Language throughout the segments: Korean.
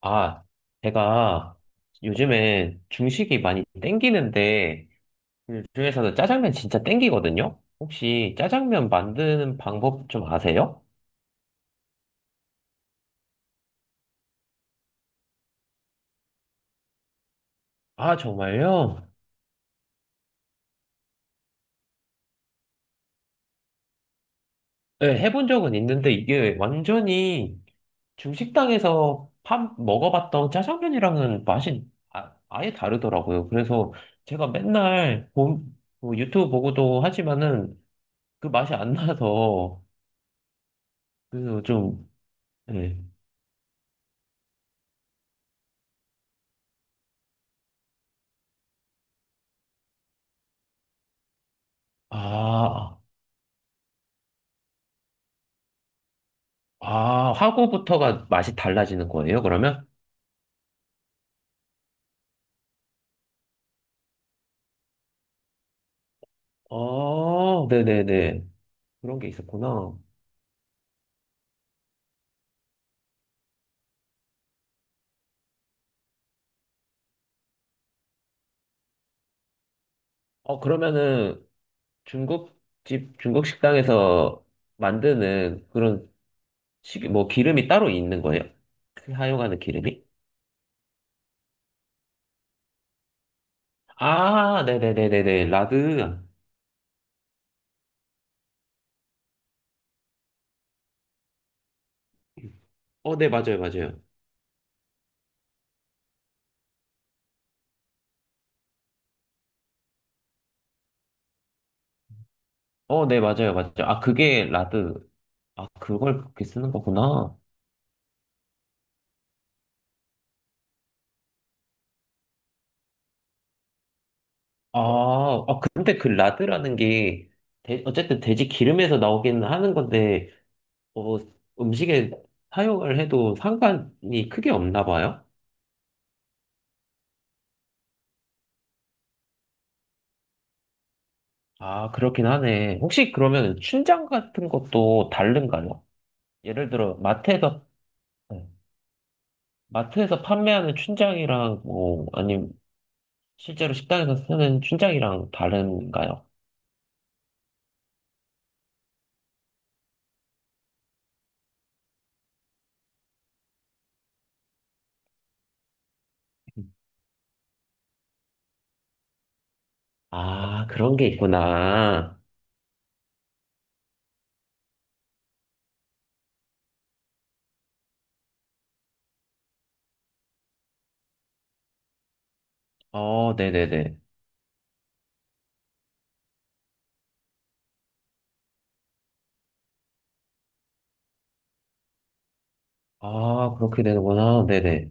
아, 제가 요즘에 중식이 많이 땡기는데, 그 중에서도 짜장면 진짜 땡기거든요? 혹시 짜장면 만드는 방법 좀 아세요? 아, 정말요? 네, 해본 적은 있는데 이게 완전히 중식당에서 밥 먹어봤던 짜장면이랑은 맛이 아예 다르더라고요. 그래서 제가 뭐 유튜브 보고도 하지만은 그 맛이 안 나서, 그래서 좀, 네. 아. 아, 하고부터가 맛이 달라지는 거예요, 그러면? 아, 네네네. 그런 게 있었구나. 어, 그러면은 중국집, 중국 식당에서 만드는 그런 뭐 기름이 따로 있는 거예요? 그 사용하는 기름이? 아, 네네네네네. 라드. 어, 네, 맞아요, 맞아요. 어, 네, 맞아요, 맞아요. 아, 그게 라드. 아, 그걸 그렇게 쓰는 거구나. 아, 아, 근데 그 라드라는 게, 어쨌든 돼지 기름에서 나오긴 하는 건데, 어, 음식에 사용을 해도 상관이 크게 없나 봐요? 아, 그렇긴 하네. 혹시 그러면 춘장 같은 것도 다른가요? 예를 들어, 마트에서, 네. 마트에서 판매하는 춘장이랑, 뭐, 아니면 실제로 식당에서 쓰는 춘장이랑 다른가요? 아, 그런 게 있구나. 어, 네네네. 아, 그렇게 되는구나. 네네.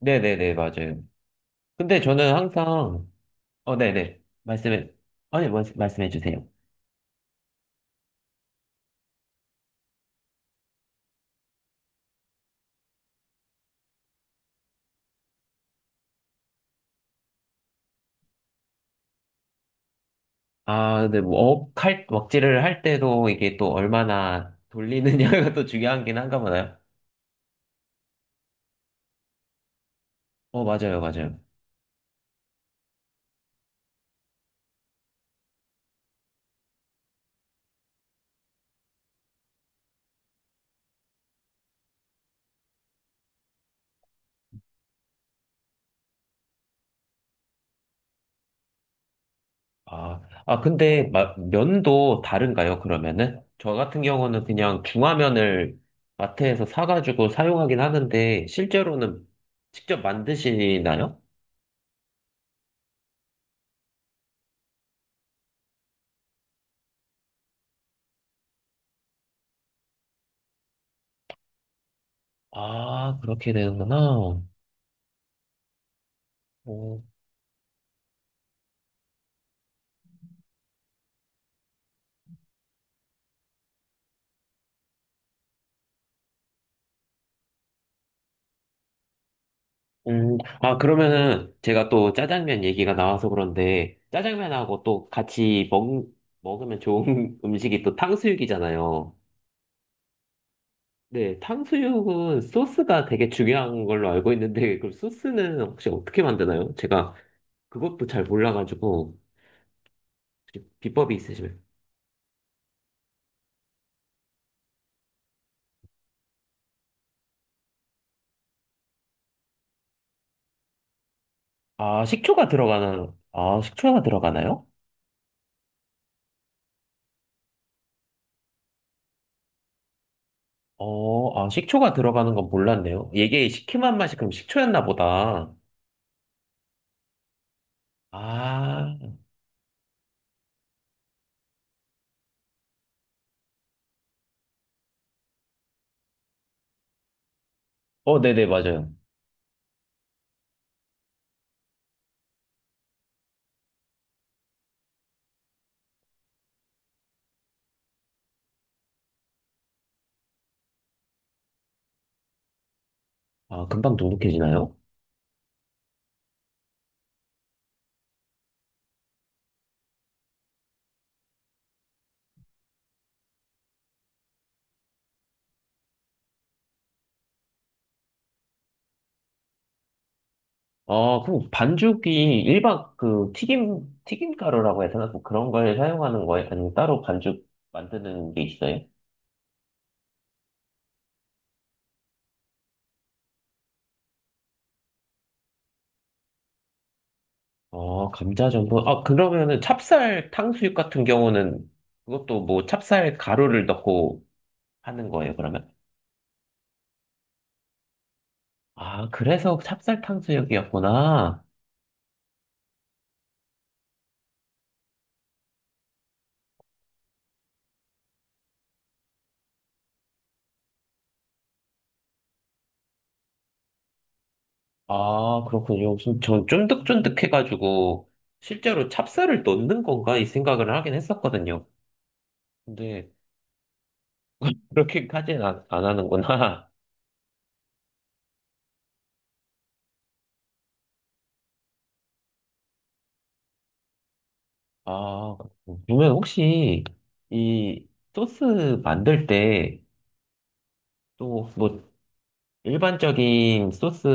네네네, 맞아요. 근데 저는 항상, 어, 네네. 말씀해, 아니, 말씀해 주세요. 아, 근데 뭐, 억할, 먹지를 할 때도 이게 또 얼마나 돌리느냐가 또 중요하긴 한가 보나요? 어, 맞아요, 맞아요. 아, 아, 근데 면도 다른가요, 그러면은? 저 같은 경우는 그냥 중화면을 마트에서 사가지고 사용하긴 하는데, 실제로는 직접 만드시나요? 아, 그렇게 되는구나. 오. 아, 그러면은 제가 또 짜장면 얘기가 나와서 그런데 짜장면하고 또 같이 먹으면 좋은 음식이 또 탕수육이잖아요. 네, 탕수육은 소스가 되게 중요한 걸로 알고 있는데 그럼 소스는 혹시 어떻게 만드나요? 제가 그것도 잘 몰라가지고 혹시 비법이 있으시면. 아, 식초가 들어가는, 아, 식초가 들어가나요? 어, 아, 식초가 들어가는 건 몰랐네요. 이게 시큼한 맛이 그럼 식초였나 보다. 아, 어, 네네, 맞아요. 아, 금방 돈독해지나요? 아, 그럼 반죽이 일반 그 튀김, 튀김가루라고 해야 되나? 뭐 그런 걸 사용하는 거예요? 아니면 따로 반죽 만드는 게 있어요? 아, 감자전분. 아, 그러면은 찹쌀 탕수육 같은 경우는 그것도 뭐 찹쌀 가루를 넣고 하는 거예요, 그러면? 아, 그래서 찹쌀 탕수육이었구나. 아, 그렇군요. 좀, 전 쫀득쫀득해가지고 실제로 찹쌀을 넣는 건가? 이 생각을 하긴 했었거든요. 근데 그렇게까지는 안, 안 하는구나. 아, 그러면 혹시 이 소스 만들 때 또 뭐 일반적인 소스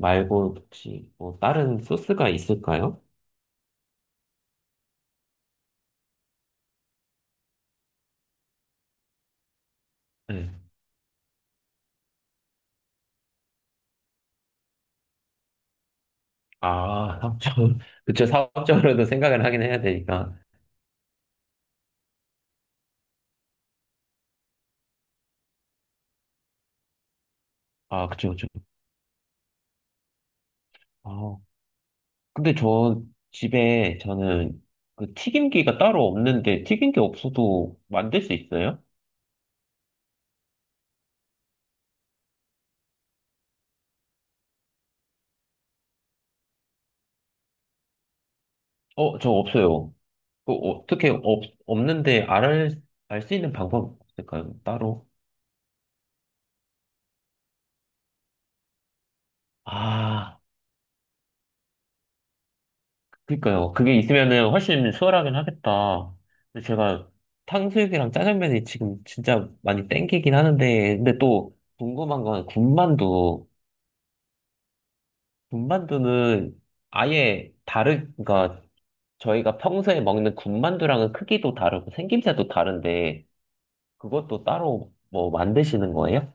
말고 혹시 뭐 다른 소스가 있을까요? 네. 아, 사업적으로, 그쵸, 사업적으로도 생각을 하긴 해야 되니까. 아, 그쵸, 그쵸. 아, 근데 저 집에 저는 그 튀김기가 따로 없는데 튀김기 없어도 만들 수 있어요? 어, 저 없어요. 그 어떻게 없, 없는데 알, 알 수 있는 방법 없을까요? 따로? 아, 그니까요. 그게 있으면은 훨씬 수월하긴 하겠다. 근데 제가 탕수육이랑 짜장면이 지금 진짜 많이 땡기긴 하는데, 근데 또 궁금한 건 군만두. 군만두는 아예 다르, 그러니까 저희가 평소에 먹는 군만두랑은 크기도 다르고 생김새도 다른데, 그것도 따로 뭐 만드시는 거예요?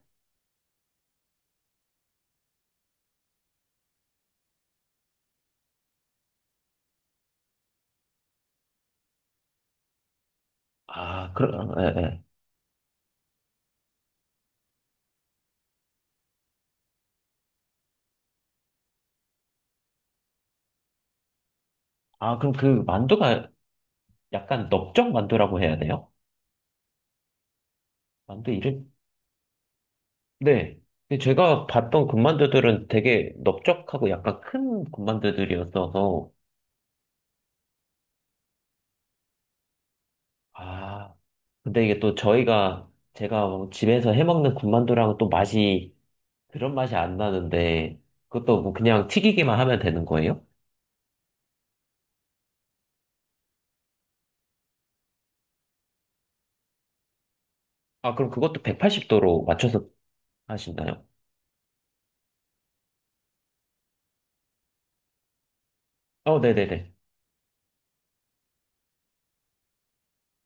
아, 그럼, 예, 예. 아, 그럼 그 만두가 약간 넓적 만두라고 해야 돼요? 만두 이름? 네. 근데 제가 봤던 군만두들은 되게 넓적하고 약간 큰 군만두들이었어서, 아, 근데 이게 또 저희가, 제가 집에서 해먹는 군만두랑 또 맛이, 그런 맛이 안 나는데, 그것도 뭐 그냥 튀기기만 하면 되는 거예요? 아, 그럼 그것도 180도로 맞춰서 하시나요? 어, 네네네.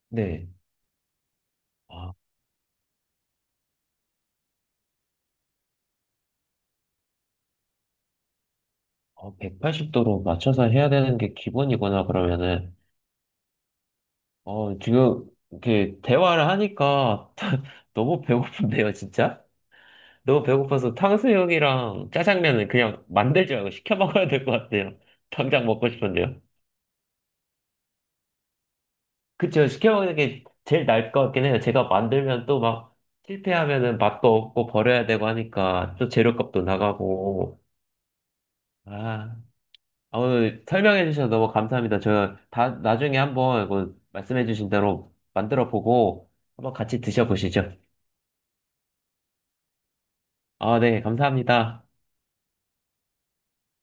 네. 아, 180도로 맞춰서 해야 되는 게 기본이구나, 그러면은. 어, 지금, 이렇게, 대화를 하니까, 너무 배고픈데요, 진짜? 너무 배고파서 탕수육이랑 짜장면을 그냥 만들지 말고 시켜 먹어야 될 것 같아요. 당장 먹고 싶은데요. 그쵸, 시켜 먹는 게 제일 나을 것 같긴 해요. 제가 만들면 또 막, 실패하면은 맛도 없고 버려야 되고 하니까, 또 재료값도 나가고. 아, 아, 오늘 설명해 주셔서 너무 감사합니다. 저, 다, 나중에 한번, 이거 말씀해 주신 대로 만들어 보고, 한번 같이 드셔보시죠. 아, 네, 감사합니다.